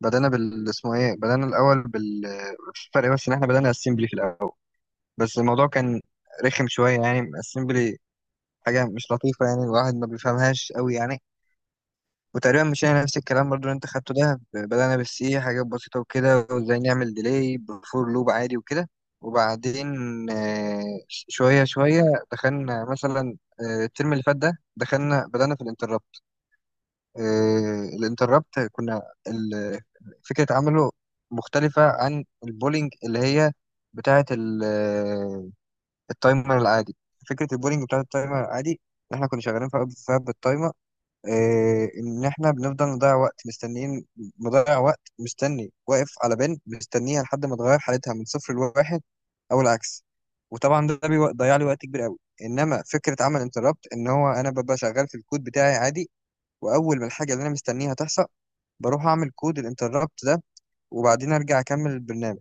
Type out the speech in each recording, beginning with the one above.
بدأنا بال، اسمه ايه بدأنا الأول بال. الفرق بس إن احنا بدأنا السيمبلي في الأول، بس الموضوع كان رخم شوية، يعني السيمبلي حاجة مش لطيفة، يعني الواحد ما بيفهمهاش قوي يعني. وتقريبا مشينا نفس الكلام برضو اللي انت خدته ده، بدأنا بالسي حاجات بسيطة وكده، وازاي نعمل ديلي بفور لوب عادي وكده. وبعدين آه، شوية شوية دخلنا مثلا الترم اللي فات ده، دخلنا بدأنا في الانتربت. الانتربت كنا فكرة عمله مختلفة عن البولينج اللي هي بتاعة التايمر العادي. فكرة البولينج بتاعة التايمر العادي إن إحنا كنا شغالين فيها بالتايمر. إن إحنا بنفضل نضيع وقت مستنيين، مضيع وقت مستني واقف على بن مستنيها لحد ما تغير حالتها من صفر لواحد، أو العكس. وطبعا ده بيضيع لي وقت كبير قوي، انما فكره عمل انتربت ان هو انا ببقى شغال في الكود بتاعي عادي، واول ما الحاجه اللي انا مستنيها تحصل بروح اعمل كود الانتربت ده، وبعدين ارجع اكمل البرنامج.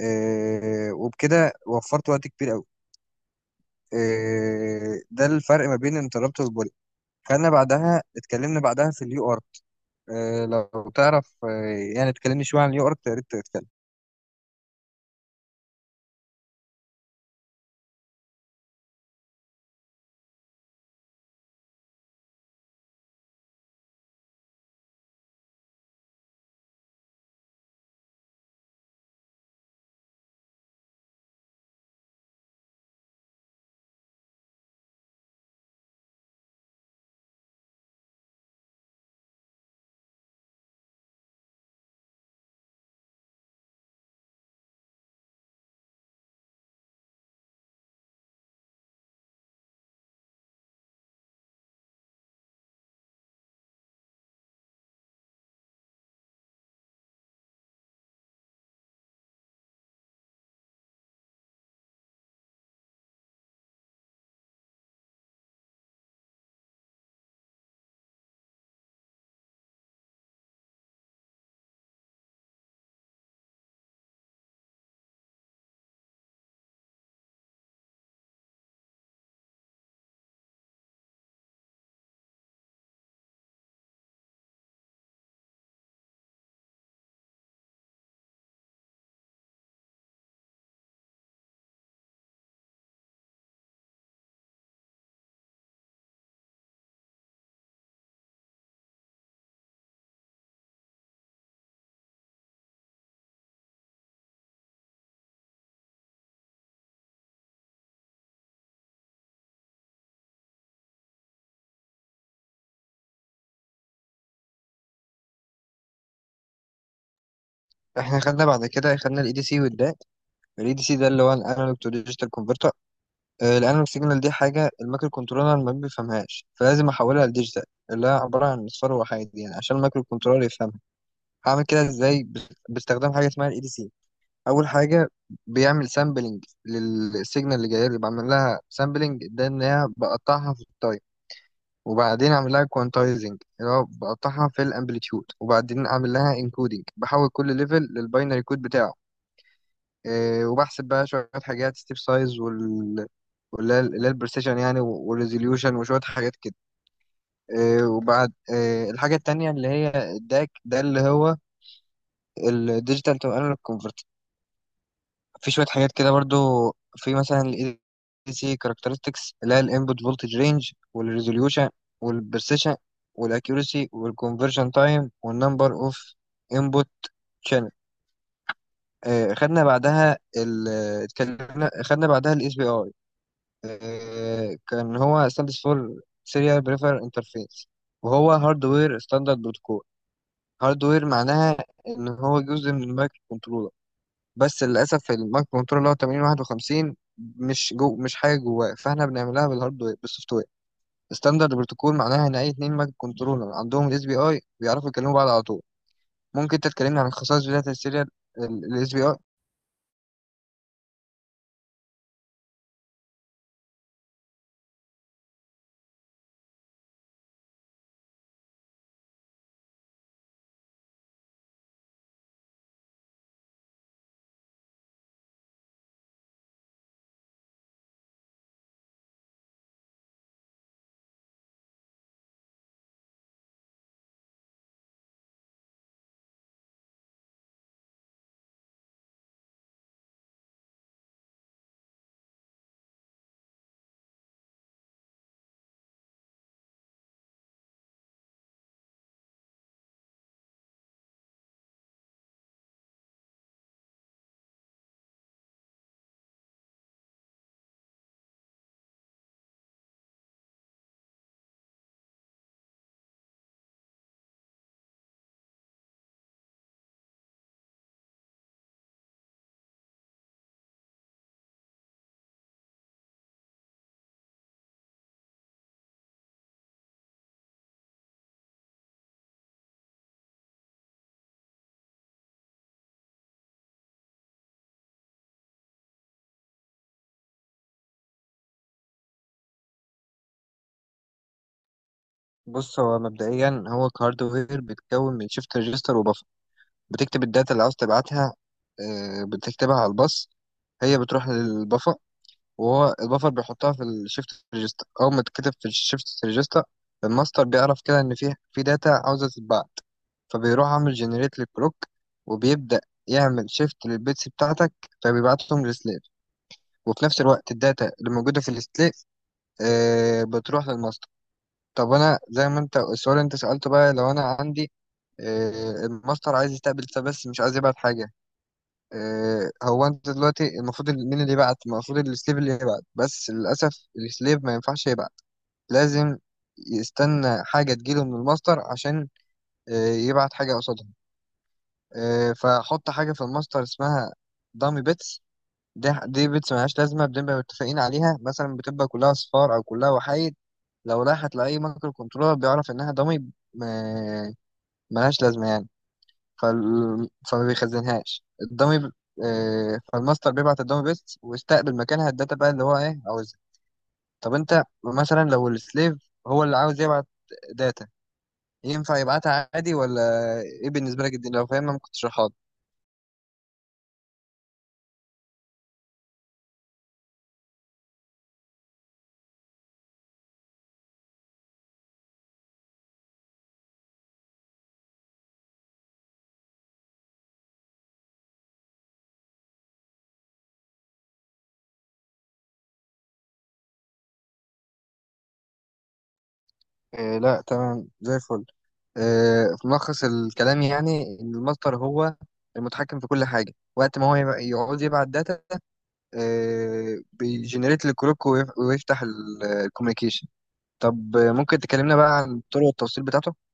إيه وبكده وفرت وقت كبير قوي. إيه ده الفرق ما بين الانتربت والبولي. خلينا بعدها، اتكلمنا بعدها في اليو ار. إيه لو تعرف إيه يعني، اتكلمني شويه عن اليو ار يا ريت تتكلم. احنا خدنا بعد كده، خدنا الاي دي سي والداك. الاي دي سي ده اللي هو الانالوج تو ديجيتال كونفرتر. الانالوج سيجنال دي حاجه المايكرو كنترولر ما بيفهمهاش، فلازم احولها لديجيتال اللي هي عباره عن اصفار وحيد، يعني عشان المايكرو كنترولر يفهم. هعمل كده ازاي؟ باستخدام حاجه اسمها الاي دي سي. اول حاجه بيعمل سامبلنج للسيجنال اللي جايه لي، بعمل لها سامبلنج ده ان هي بقطعها في التايم، وبعدين اعمل لها كوانتايزنج اللي هو بقطعها في الامبليتيود، وبعدين اعمل لها انكودنج بحول كل ليفل للباينري كود بتاعه. إيه وبحسب بقى شويه حاجات، ستيب سايز واللي هي اللي هي البرسيشن يعني، والريزوليوشن وشويه حاجات كده. إيه وبعد إيه الحاجه التانيه اللي هي الداك ده اللي هو الديجيتال تو انالوج. في شوية حاجات كده برضو، في مثلا ال ADC characteristics اللي هي ال input voltage range، وال resolution، وال precision، وال accuracy، وال conversion time، وال number of input channel. خدنا بعدها اتكلمنا خدنا بعدها ال SPI. كان هو stands for serial prefer interface، وهو hardware standard protocol. hardware معناها ان هو جزء من المايكرو كنترول، بس للاسف المايكرو كنترول اللي هو 8051 مش جو، مش حاجه جواه، فاحنا بنعملها بالسوفت وير. ستاندرد بروتوكول معناها ان اي اتنين مايكرو كنترولر عندهم الاس بي اي بيعرفوا يكلموا بعض على طول. ممكن انت تكلمني عن خصائص بدايه السيريال الاس بي اي؟ بص هو مبدئيا هو كهاردوير بيتكون من شيفت ريجستر وبفر. بتكتب الداتا اللي عاوز تبعتها، بتكتبها على الباص، هي بتروح للبفر، وهو البفر بيحطها في الشيفت ريجستا. اول ما تتكتب في الشيفت ريجستا الماستر بيعرف كده ان في داتا عاوزه تتبعت، فبيروح عامل جنريت للكلوك، وبيبدأ يعمل شيفت للبيتس بتاعتك، فبيبعتهم للسليف. وفي نفس الوقت الداتا اللي موجودة في السليف آه بتروح للماستر. طب انا زي ما انت السؤال اللي انت سألته بقى، لو انا عندي آه الماستر عايز يستقبل بس مش عايز يبعت حاجة. هو انت دلوقتي المفروض مين اللي يبعت؟ المفروض السليب اللي يبعت، بس للاسف السليب ما ينفعش يبعت. لازم يستنى حاجه تجيله من الماستر عشان يبعت حاجه قصادها. فحط حاجه في الماستر اسمها دامي بيتس. ده دي بيتس ملهاش لازمه، بنبقى متفقين عليها مثلا بتبقى كلها صفار او كلها وحايد. لو راحت لاي مايكرو كنترولر بيعرف انها دامي، آه، ملهاش لازمه يعني. فما بيخزنهاش الدمي فالماستر بيبعت الدمي بيست ويستقبل مكانها الداتا بقى اللي هو ايه عاوزها. طب انت مثلا لو السليف هو اللي عاوز يبعت داتا، ينفع يبعتها عادي ولا ايه؟ بالنسبة لك دي لو فاهمها ممكن تشرحها لي. لا تمام زي الفل. في ملخص الكلام يعني ان الماستر هو المتحكم في كل حاجة، وقت ما هو يعوز يبعت داتا، بيجنريت الكروك ويفتح الكوميونيكيشن. طب ممكن تكلمنا بقى عن طرق التوصيل بتاعته؟